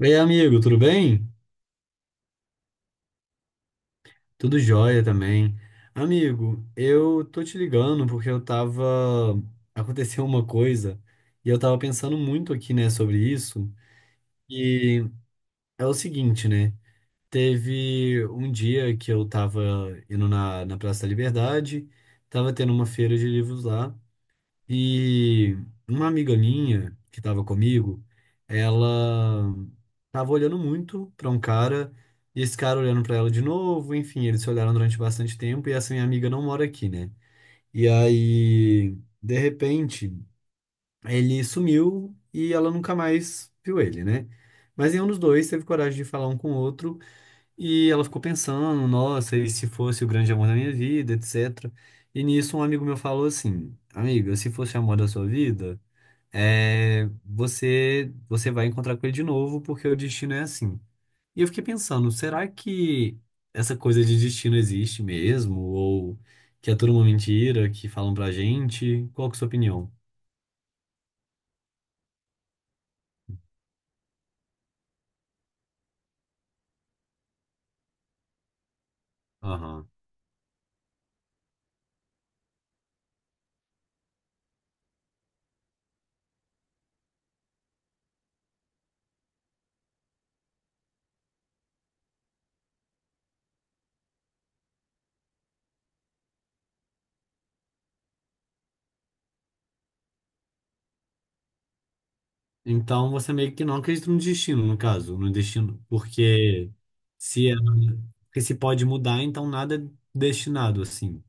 Ei, amigo, tudo bem? Tudo jóia também. Amigo, eu tô te ligando porque eu tava. Aconteceu uma coisa e eu tava pensando muito aqui, né, sobre isso. E é o seguinte, né? Teve um dia que eu tava indo na Praça da Liberdade, tava tendo uma feira de livros lá. E uma amiga minha que estava comigo, ela tava olhando muito para um cara, e esse cara olhando para ela de novo, enfim, eles se olharam durante bastante tempo e essa minha amiga não mora aqui, né? E aí, de repente, ele sumiu e ela nunca mais viu ele, né? Mas nenhum dos dois teve coragem de falar um com o outro e ela ficou pensando, nossa, e se fosse o grande amor da minha vida, etc. E nisso um amigo meu falou assim: Amiga, se fosse o amor da sua vida, é, você vai encontrar com ele de novo porque o destino é assim. E eu fiquei pensando, será que essa coisa de destino existe mesmo? Ou que é tudo uma mentira que falam pra gente? Qual que é a sua opinião? Aham. Então você meio que não acredita no destino, no caso, no destino, porque se, é- porque se pode mudar, então nada é destinado assim.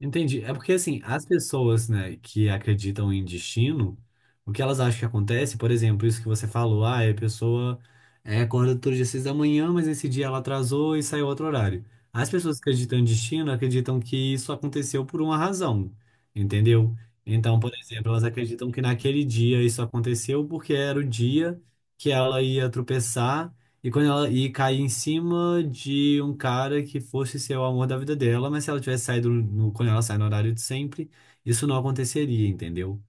Entendi. É porque, assim, as pessoas, né, que acreditam em destino, o que elas acham que acontece, por exemplo, isso que você falou, ah, a pessoa é, acorda todo dia às 6 da manhã, mas esse dia ela atrasou e saiu outro horário. As pessoas que acreditam em destino acreditam que isso aconteceu por uma razão, entendeu? Então, por exemplo, elas acreditam que naquele dia isso aconteceu porque era o dia que ela ia tropeçar e quando ela e cair em cima de um cara que fosse ser o amor da vida dela, mas se ela tivesse saído no, quando ela sai no horário de sempre, isso não aconteceria, entendeu?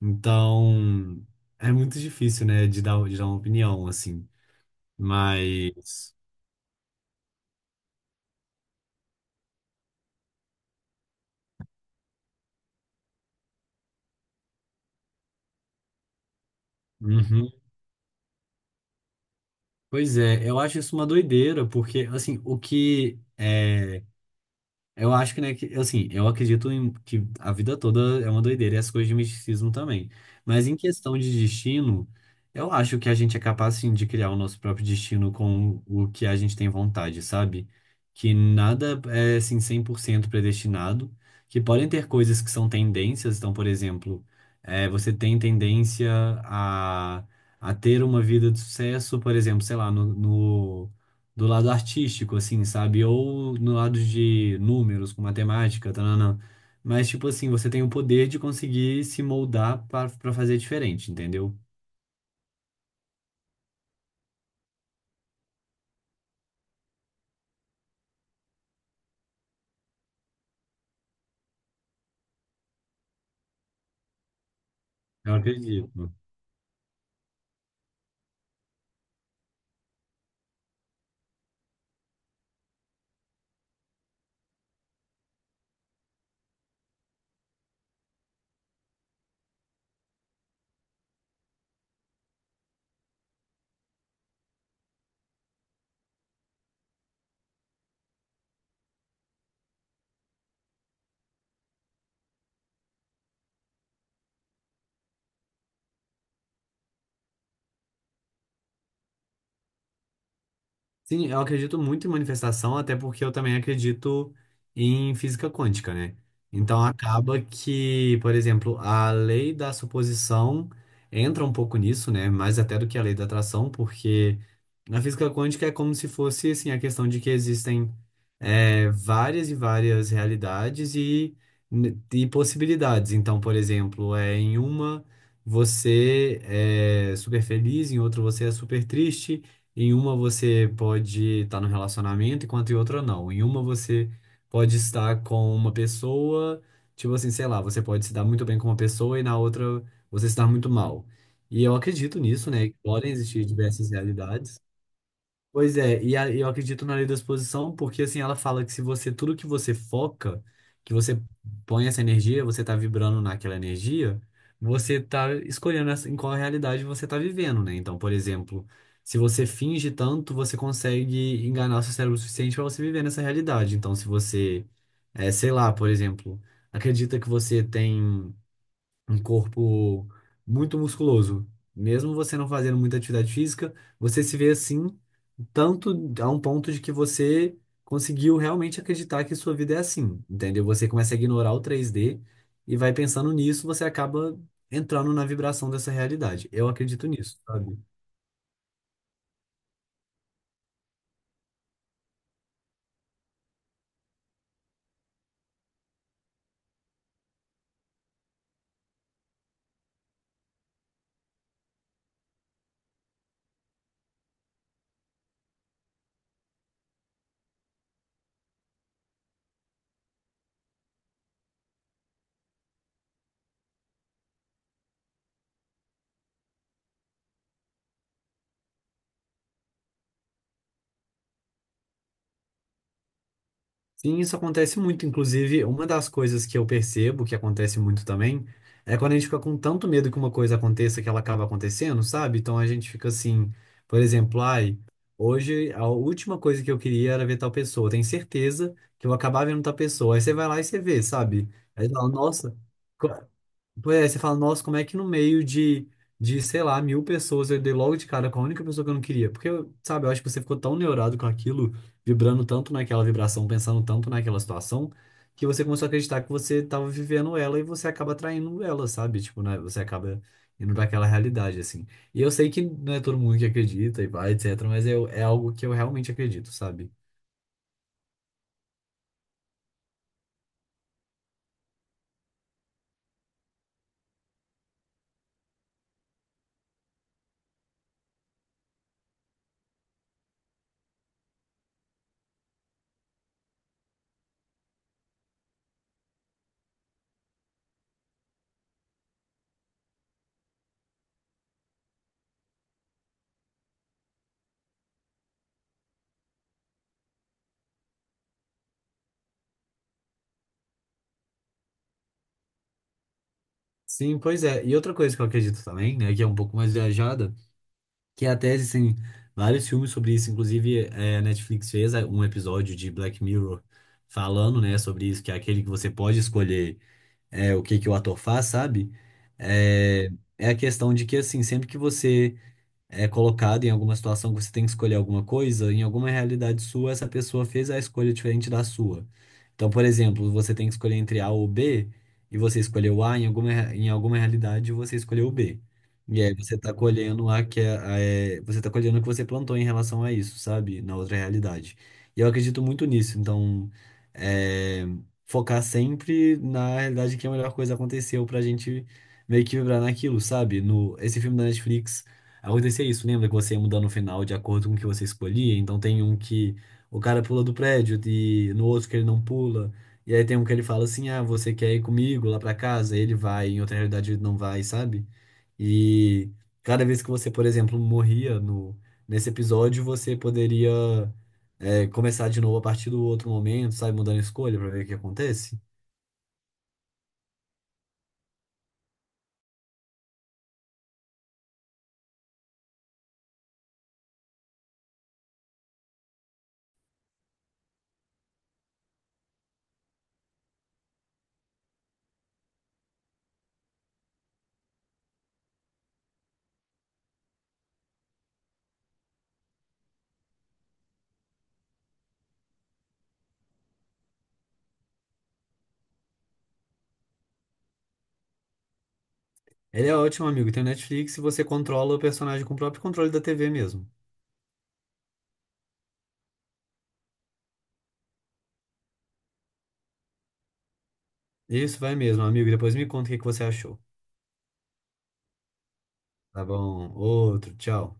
Então, é muito difícil, né, de dar uma opinião, assim. Mas. Uhum. Pois é, eu acho isso uma doideira, porque, assim, o que é. Eu acho que, né, que, assim, eu acredito em, que a vida toda é uma doideira e as coisas de misticismo também. Mas em questão de destino, eu acho que a gente é capaz, sim, de criar o nosso próprio destino com o que a gente tem vontade, sabe? Que nada é, assim, 100% predestinado, que podem ter coisas que são tendências. Então, por exemplo, é, você tem tendência a, a ter uma vida de sucesso, por exemplo, sei lá, no, do lado artístico, assim, sabe? Ou no lado de números, com matemática, tananã. Mas, tipo assim, você tem o poder de conseguir se moldar para fazer diferente, entendeu? Eu acredito. Sim, eu acredito muito em manifestação, até porque eu também acredito em física quântica, né? Então acaba que, por exemplo, a lei da suposição entra um pouco nisso, né? Mais até do que a lei da atração, porque na física quântica é como se fosse, assim, a questão de que existem é, várias e várias realidades e possibilidades. Então, por exemplo, é, em uma você é super feliz, em outra você é super triste. Em uma você pode estar no relacionamento, enquanto em outra não. Em uma você pode estar com uma pessoa, tipo assim, sei lá, você pode se dar muito bem com uma pessoa e na outra você se dar muito mal. E eu acredito nisso, né? Que podem existir diversas realidades. Pois é, e eu acredito na lei da exposição, porque assim, ela fala que se você, tudo que você foca, que você põe essa energia, você tá vibrando naquela energia, você tá escolhendo em qual realidade você tá vivendo, né? Então, por exemplo, se você finge tanto, você consegue enganar seu cérebro o suficiente para você viver nessa realidade. Então, se você, é, sei lá, por exemplo, acredita que você tem um corpo muito musculoso. Mesmo você não fazendo muita atividade física, você se vê assim, tanto a um ponto de que você conseguiu realmente acreditar que sua vida é assim, entendeu? Você começa a ignorar o 3D e vai pensando nisso, você acaba entrando na vibração dessa realidade. Eu acredito nisso, sabe? Sim, isso acontece muito. Inclusive, uma das coisas que eu percebo que acontece muito também é quando a gente fica com tanto medo que uma coisa aconteça que ela acaba acontecendo, sabe? Então a gente fica assim, por exemplo, ai, hoje a última coisa que eu queria era ver tal pessoa. Eu tenho certeza que eu vou acabar vendo tal pessoa. Aí você vai lá e você vê, sabe? Aí você fala, nossa. Pois é, você fala, nossa, como é que no meio de, sei lá, mil pessoas eu dei logo de cara com a única pessoa que eu não queria? Porque, sabe, eu acho que você ficou tão neurado com aquilo, vibrando tanto naquela vibração, pensando tanto naquela situação, que você começou a acreditar que você estava vivendo ela e você acaba atraindo ela, sabe? Tipo, né? Você acaba indo para aquela realidade, assim. E eu sei que não é todo mundo que acredita e vai, etc., mas eu, é algo que eu realmente acredito, sabe? Sim, pois é. E outra coisa que eu acredito também, né, que é um pouco mais viajada, que até existem vários filmes sobre isso. Inclusive, a Netflix fez um episódio de Black Mirror falando, né, sobre isso, que é aquele que você pode escolher o que que o ator faz, sabe? É, é a questão de que, assim, sempre que você é colocado em alguma situação que você tem que escolher alguma coisa, em alguma realidade sua, essa pessoa fez a escolha diferente da sua. Então, por exemplo, você tem que escolher entre A ou B, e você escolheu A, em alguma, em alguma realidade você escolheu B. E aí você tá colhendo a que é, a- é- você tá colhendo o que você plantou em relação a isso, sabe? Na outra realidade. E eu acredito muito nisso, então é, focar sempre na realidade que a melhor coisa aconteceu pra gente meio que vibrar naquilo, sabe? No, esse filme da Netflix. Acontecia isso, lembra que você ia mudar no final de acordo com o que você escolhia? Então tem um que o cara pula do prédio e no outro que ele não pula. E aí tem um que ele fala assim: ah, você quer ir comigo lá pra casa? Ele vai, em outra realidade ele não vai, sabe? E cada vez que você, por exemplo, morria no, nesse episódio, você poderia é, começar de novo a partir do outro momento, sabe? Mudando a escolha pra ver o que acontece. Ele é ótimo, amigo. Tem o Netflix e você controla o personagem com o próprio controle da TV mesmo. Isso vai mesmo, amigo. Depois me conta o que que você achou. Tá bom. Outro, tchau.